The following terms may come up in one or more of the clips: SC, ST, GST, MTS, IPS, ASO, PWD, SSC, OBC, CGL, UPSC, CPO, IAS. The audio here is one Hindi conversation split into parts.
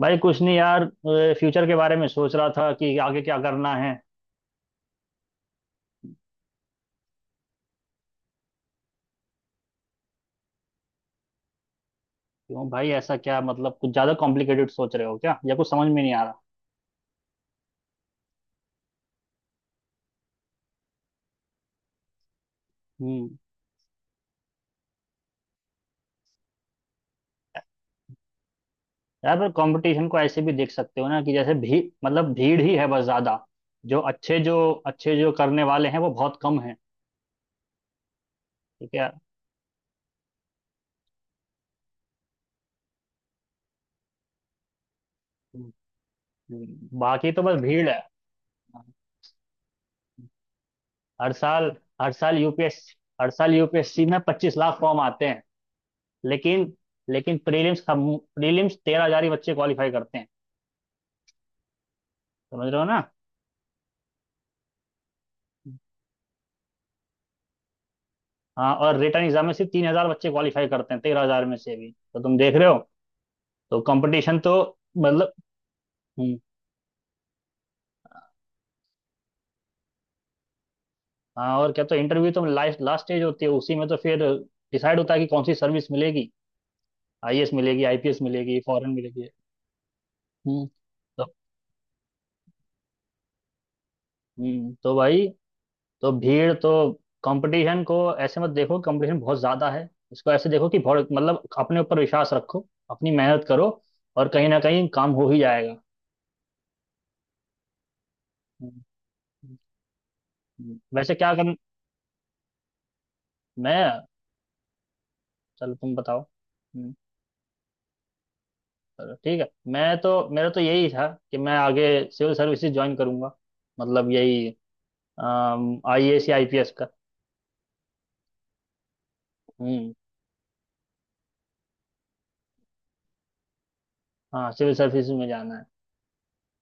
भाई कुछ नहीं यार। फ्यूचर के बारे में सोच रहा था कि आगे क्या करना है। क्यों भाई, ऐसा क्या मतलब? कुछ ज्यादा कॉम्प्लिकेटेड सोच रहे हो क्या या कुछ समझ में नहीं आ रहा? हम्म। यार, पर कंपटीशन को ऐसे भी देख सकते हो ना, कि जैसे भी मतलब भीड़ ही है बस ज्यादा। जो अच्छे जो करने वाले हैं वो बहुत कम हैं। ठीक है। हम्म, बाकी तो बस भीड़ है। हर साल हर साल यूपीएस हर साल यूपीएससी में 25 लाख फॉर्म आते हैं। लेकिन लेकिन प्रीलिम्स 13 हजार ही बच्चे क्वालिफाई करते हैं। समझ रहे हो ना? हाँ, और रिटर्न एग्जाम में सिर्फ 3 हजार बच्चे क्वालिफाई करते हैं, 13 हजार में से, भी तो तुम देख रहे हो। तो कंपटीशन तो मतलब। हम्म। हाँ और क्या। तो इंटरव्यू तो लास्ट लास्ट स्टेज होती है, उसी में तो फिर डिसाइड होता है कि कौन सी सर्विस मिलेगी। आईएएस मिलेगी, आईपीएस मिलेगी, फॉरेन मिलेगी। हम्म। तो तो भाई तो भीड़ तो कंपटीशन को ऐसे मत देखो कंपटीशन बहुत ज्यादा है, इसको ऐसे देखो कि बहुत मतलब अपने ऊपर विश्वास रखो, अपनी मेहनत करो और कहीं ना कहीं काम हो ही जाएगा। हम्म, हम्म, वैसे क्या कर मैं चलो तुम बताओ। चलो ठीक है। मैं तो मेरा तो यही था कि मैं आगे सिविल सर्विसेज ज्वाइन करूंगा। मतलब यही, आईएएस या आईपीएस का। हम्म। हाँ, सिविल सर्विसेज में जाना है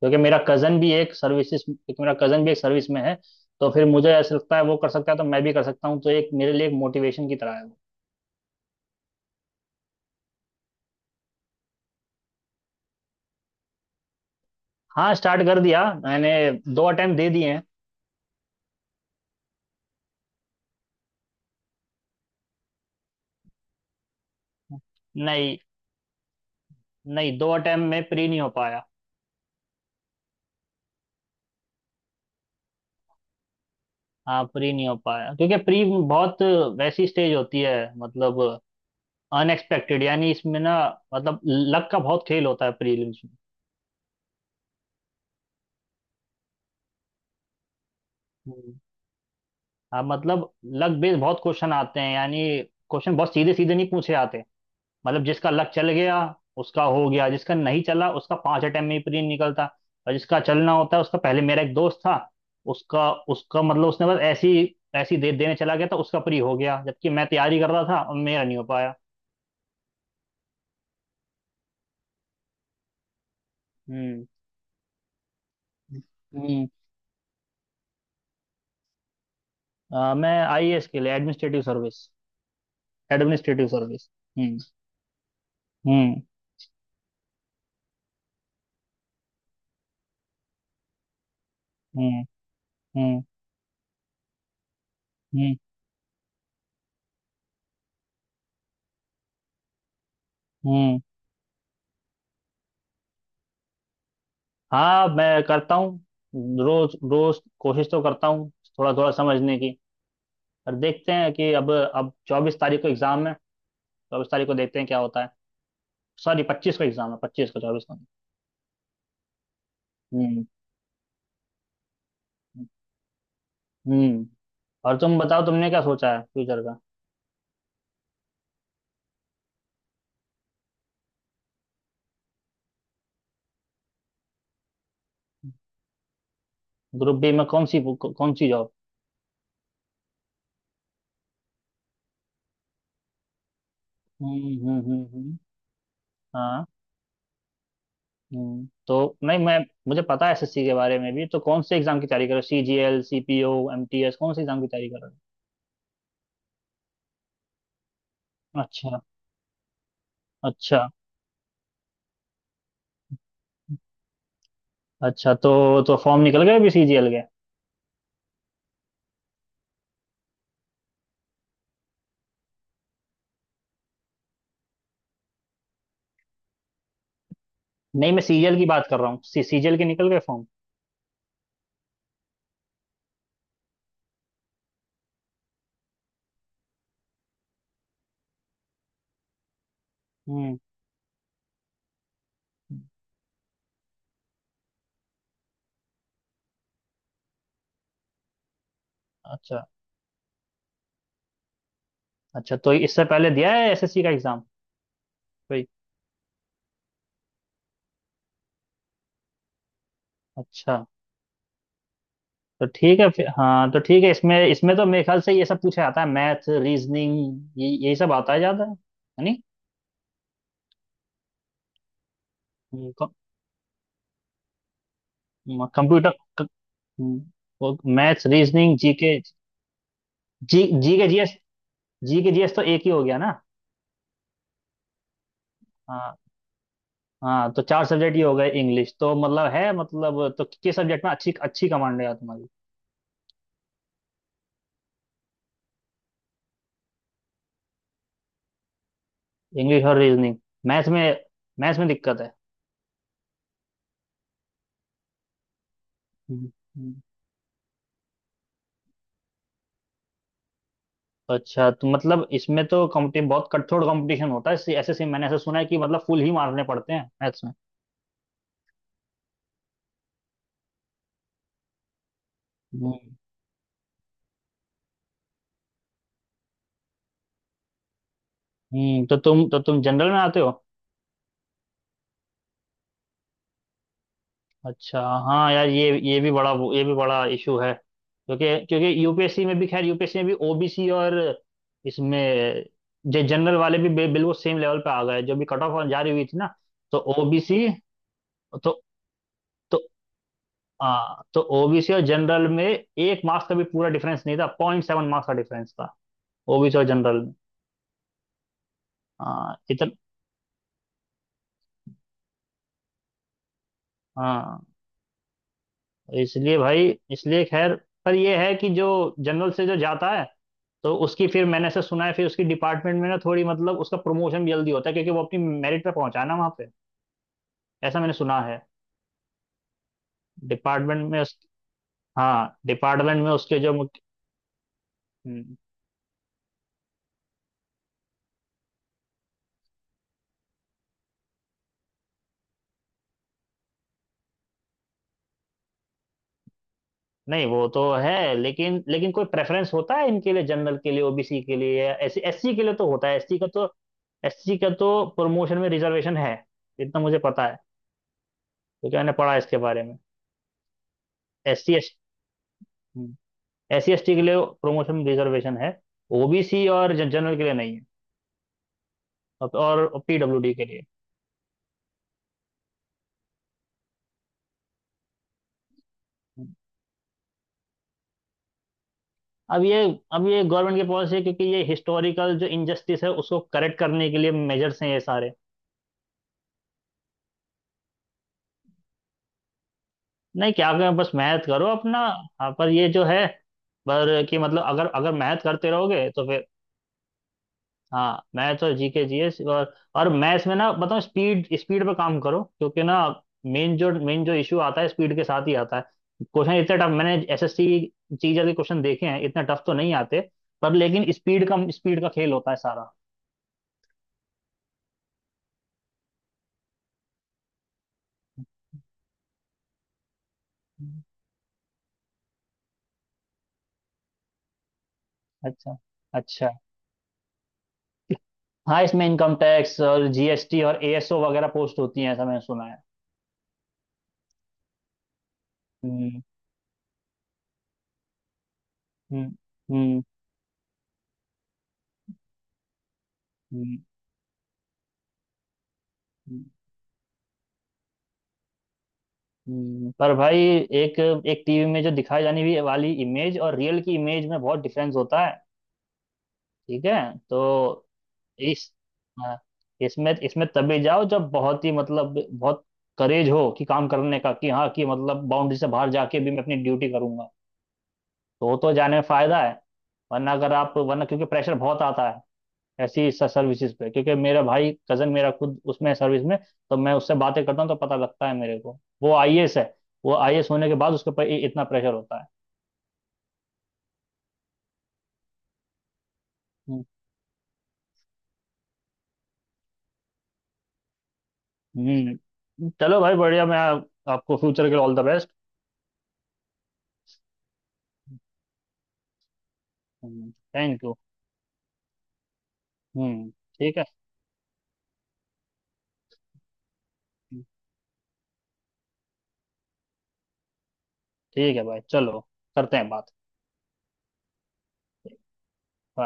क्योंकि मेरा कजन भी एक सर्विसेज क्योंकि मेरा कजन भी एक सर्विस में है। तो फिर मुझे ऐसा लगता है वो कर सकता है तो मैं भी कर सकता हूँ, तो एक मेरे लिए एक मोटिवेशन की तरह है वो। हाँ, स्टार्ट कर दिया मैंने। दो अटेम्प्ट दे दिए हैं। नहीं, नहीं, दो अटेम्प्ट में प्री नहीं हो पाया। हाँ, प्री नहीं हो पाया क्योंकि प्री बहुत वैसी स्टेज होती है, मतलब अनएक्सपेक्टेड। यानी इसमें ना, मतलब लक का बहुत खेल होता है प्रीलिम्स में। हम्म, हाँ मतलब लक बेस्ड बहुत क्वेश्चन आते हैं। यानी क्वेश्चन बहुत सीधे सीधे नहीं पूछे जाते। मतलब जिसका लक चल गया उसका हो गया, जिसका नहीं चला उसका 5 अटेम्प्ट में ही प्री निकलता। और जिसका चलना होता है उसका पहले। मेरा एक दोस्त था, उसका उसका मतलब उसने बस ऐसी ऐसी दे देने चला गया था, उसका प्री हो गया, जबकि मैं तैयारी कर रहा था और मेरा नहीं हो पाया। हम्म। हम्म। मैं आईएएस के लिए, administrative service. Administrative service. Hmm. Hmm. Hmm. Hmm. Hmm. Hmm. हाँ, मैं करता हूँ। रोज रोज कोशिश तो करता हूँ, थोड़ा थोड़ा समझने की। पर देखते हैं कि अब 24 तारीख को एग्जाम है। चौबीस तारीख को देखते हैं क्या होता है। सॉरी, 25 को एग्जाम है। पच्चीस को, 24 को नहीं। हम्म। हम्म। और तुम बताओ, तुमने क्या सोचा है फ्यूचर का? ग्रुप बी में कौन सी जॉब? हम्म, हम्म, हम्म, हाँ। हम्म, तो। नहीं, मैं मुझे पता है एसएससी के बारे में भी। तो कौन से एग्जाम की तैयारी कर रहे हो, सीजीएल, सीपीओ, एमटीएस, कौन से एग्जाम की तैयारी कर। अच्छा। अच्छा। अच्छा, तो फॉर्म निकल गए अभी सीजीएल के? नहीं, मैं सीजीएल की बात कर रहा हूँ। सीजीएल के निकल गए फॉर्म? हम्म। अच्छा। अच्छा, तो इससे पहले दिया है एसएससी का एग्जाम कोई? अच्छा। तो ठीक है फिर, हाँ। तो ठीक है, इसमें इसमें तो मेरे ख्याल से ये सब पूछा जाता है। मैथ, रीजनिंग, ये यही सब आता है ज्यादा है। नहीं, computer, maths, reasoning, GK. G G के GS। जी के जीएस तो एक ही हो गया ना? हाँ, हाँ, तो चार सब्जेक्ट ये हो गए। इंग्लिश तो मतलब है, मतलब तो किस सब्जेक्ट में अच्छी अच्छी कमांड है यार तुम्हारी? इंग्लिश और रीजनिंग। मैथ्स में मैथ्स में दिक्कत है। हम्म, हम्म। अच्छा, तो मतलब इसमें तो कॉम्पिटिशन बहुत कठोर कंपटीशन होता है। ऐसे ऐसे से मैंने ऐसा सुना है कि मतलब फुल ही मारने पड़ते हैं मैथ्स में। हम्म। तो तुम जनरल में आते हो? अच्छा। हाँ यार, ये भी बड़ा इशू है। क्योंकि क्योंकि यूपीएससी में भी, खैर, यूपीएससी में भी ओबीसी और इसमें जो जनरल वाले भी बिल्कुल सेम लेवल पे आ गए, जो भी कट ऑफ जारी हुई थी ना। तो ओबीसी। तो तो हाँ, तो ओबीसी और जनरल में एक मार्क्स का भी पूरा डिफरेंस नहीं था, 0.7 मार्क्स का डिफरेंस था ओबीसी और जनरल में। हाँ, इतना। हाँ। इसलिए भाई, इसलिए खैर, पर ये है कि जो जनरल से जो जाता है तो उसकी, फिर मैंने ऐसा सुना है, फिर उसकी डिपार्टमेंट में ना थोड़ी, मतलब उसका प्रमोशन भी जल्दी होता है क्योंकि वो अपनी मेरिट पे पहुंचाना वहां पे, ऐसा मैंने सुना है। डिपार्टमेंट में उस हाँ, डिपार्टमेंट में उसके जो हम्म। नहीं, वो तो है, लेकिन लेकिन कोई प्रेफरेंस होता है इनके लिए? जनरल के लिए, ओबीसी के लिए, या एससी एससी के लिए तो होता है। एससी का तो प्रमोशन में रिजर्वेशन है। इतना मुझे पता है क्योंकि मैंने पढ़ा है इसके बारे में। एससी एस एससी एसटी के लिए प्रमोशन में रिजर्वेशन है। ओबीसी और जनरल के लिए नहीं है। और पीडब्ल्यूडी के लिए। अब ये अब ये गवर्नमेंट की पॉलिसी है क्योंकि ये हिस्टोरिकल जो इनजस्टिस है उसको करेक्ट करने के लिए मेजर्स हैं ये सारे। नहीं, क्या करें, बस मेहनत करो अपना। हाँ, पर ये जो है, पर कि मतलब अगर अगर मेहनत करते रहोगे तो फिर। हाँ, मैथ्स और जीके जीएस और मैथ्स में ना बताओ, स्पीड स्पीड पे काम करो क्योंकि ना, मेन जो इशू आता है स्पीड के साथ ही आता है। क्वेश्चन इतने टफ मैंने एसएससी जी के क्वेश्चन देखे हैं, इतने टफ तो नहीं आते। पर लेकिन स्पीड का खेल होता है सारा। अच्छा। अच्छा। हाँ, इसमें इनकम टैक्स और जीएसटी और एएसओ वगैरह पोस्ट होती हैं, ऐसा मैंने सुना है। हम्म। हम्म। हम्म। हम्म, हम्म, पर भाई, एक एक टीवी में जो दिखाई जाने भी वाली इमेज और रियल की इमेज में बहुत डिफरेंस होता है। ठीक है। तो इस हाँ, इसमें इसमें तभी जाओ जब बहुत ही, मतलब बहुत करेज हो, कि काम करने का, कि हाँ, कि मतलब बाउंड्री से बाहर जाके भी मैं अपनी ड्यूटी करूंगा, तो वो तो जाने में फायदा है। वरना अगर आप वरना क्योंकि प्रेशर बहुत आता है ऐसी सर्विसेज पे, क्योंकि मेरा भाई कजन, मेरा खुद उसमें है, सर्विस में। तो मैं उससे बातें करता हूँ तो पता लगता है मेरे को। वो आईएएस है। वो आईएएस होने के बाद उसके ऊपर इतना प्रेशर होता है। हम्म। हम्म। चलो भाई बढ़िया। मैं आपको फ्यूचर के लिए all the best. Thank you. Hmm. ठीक है। ठीक है भाई, चलो, करते हैं बात। बाय।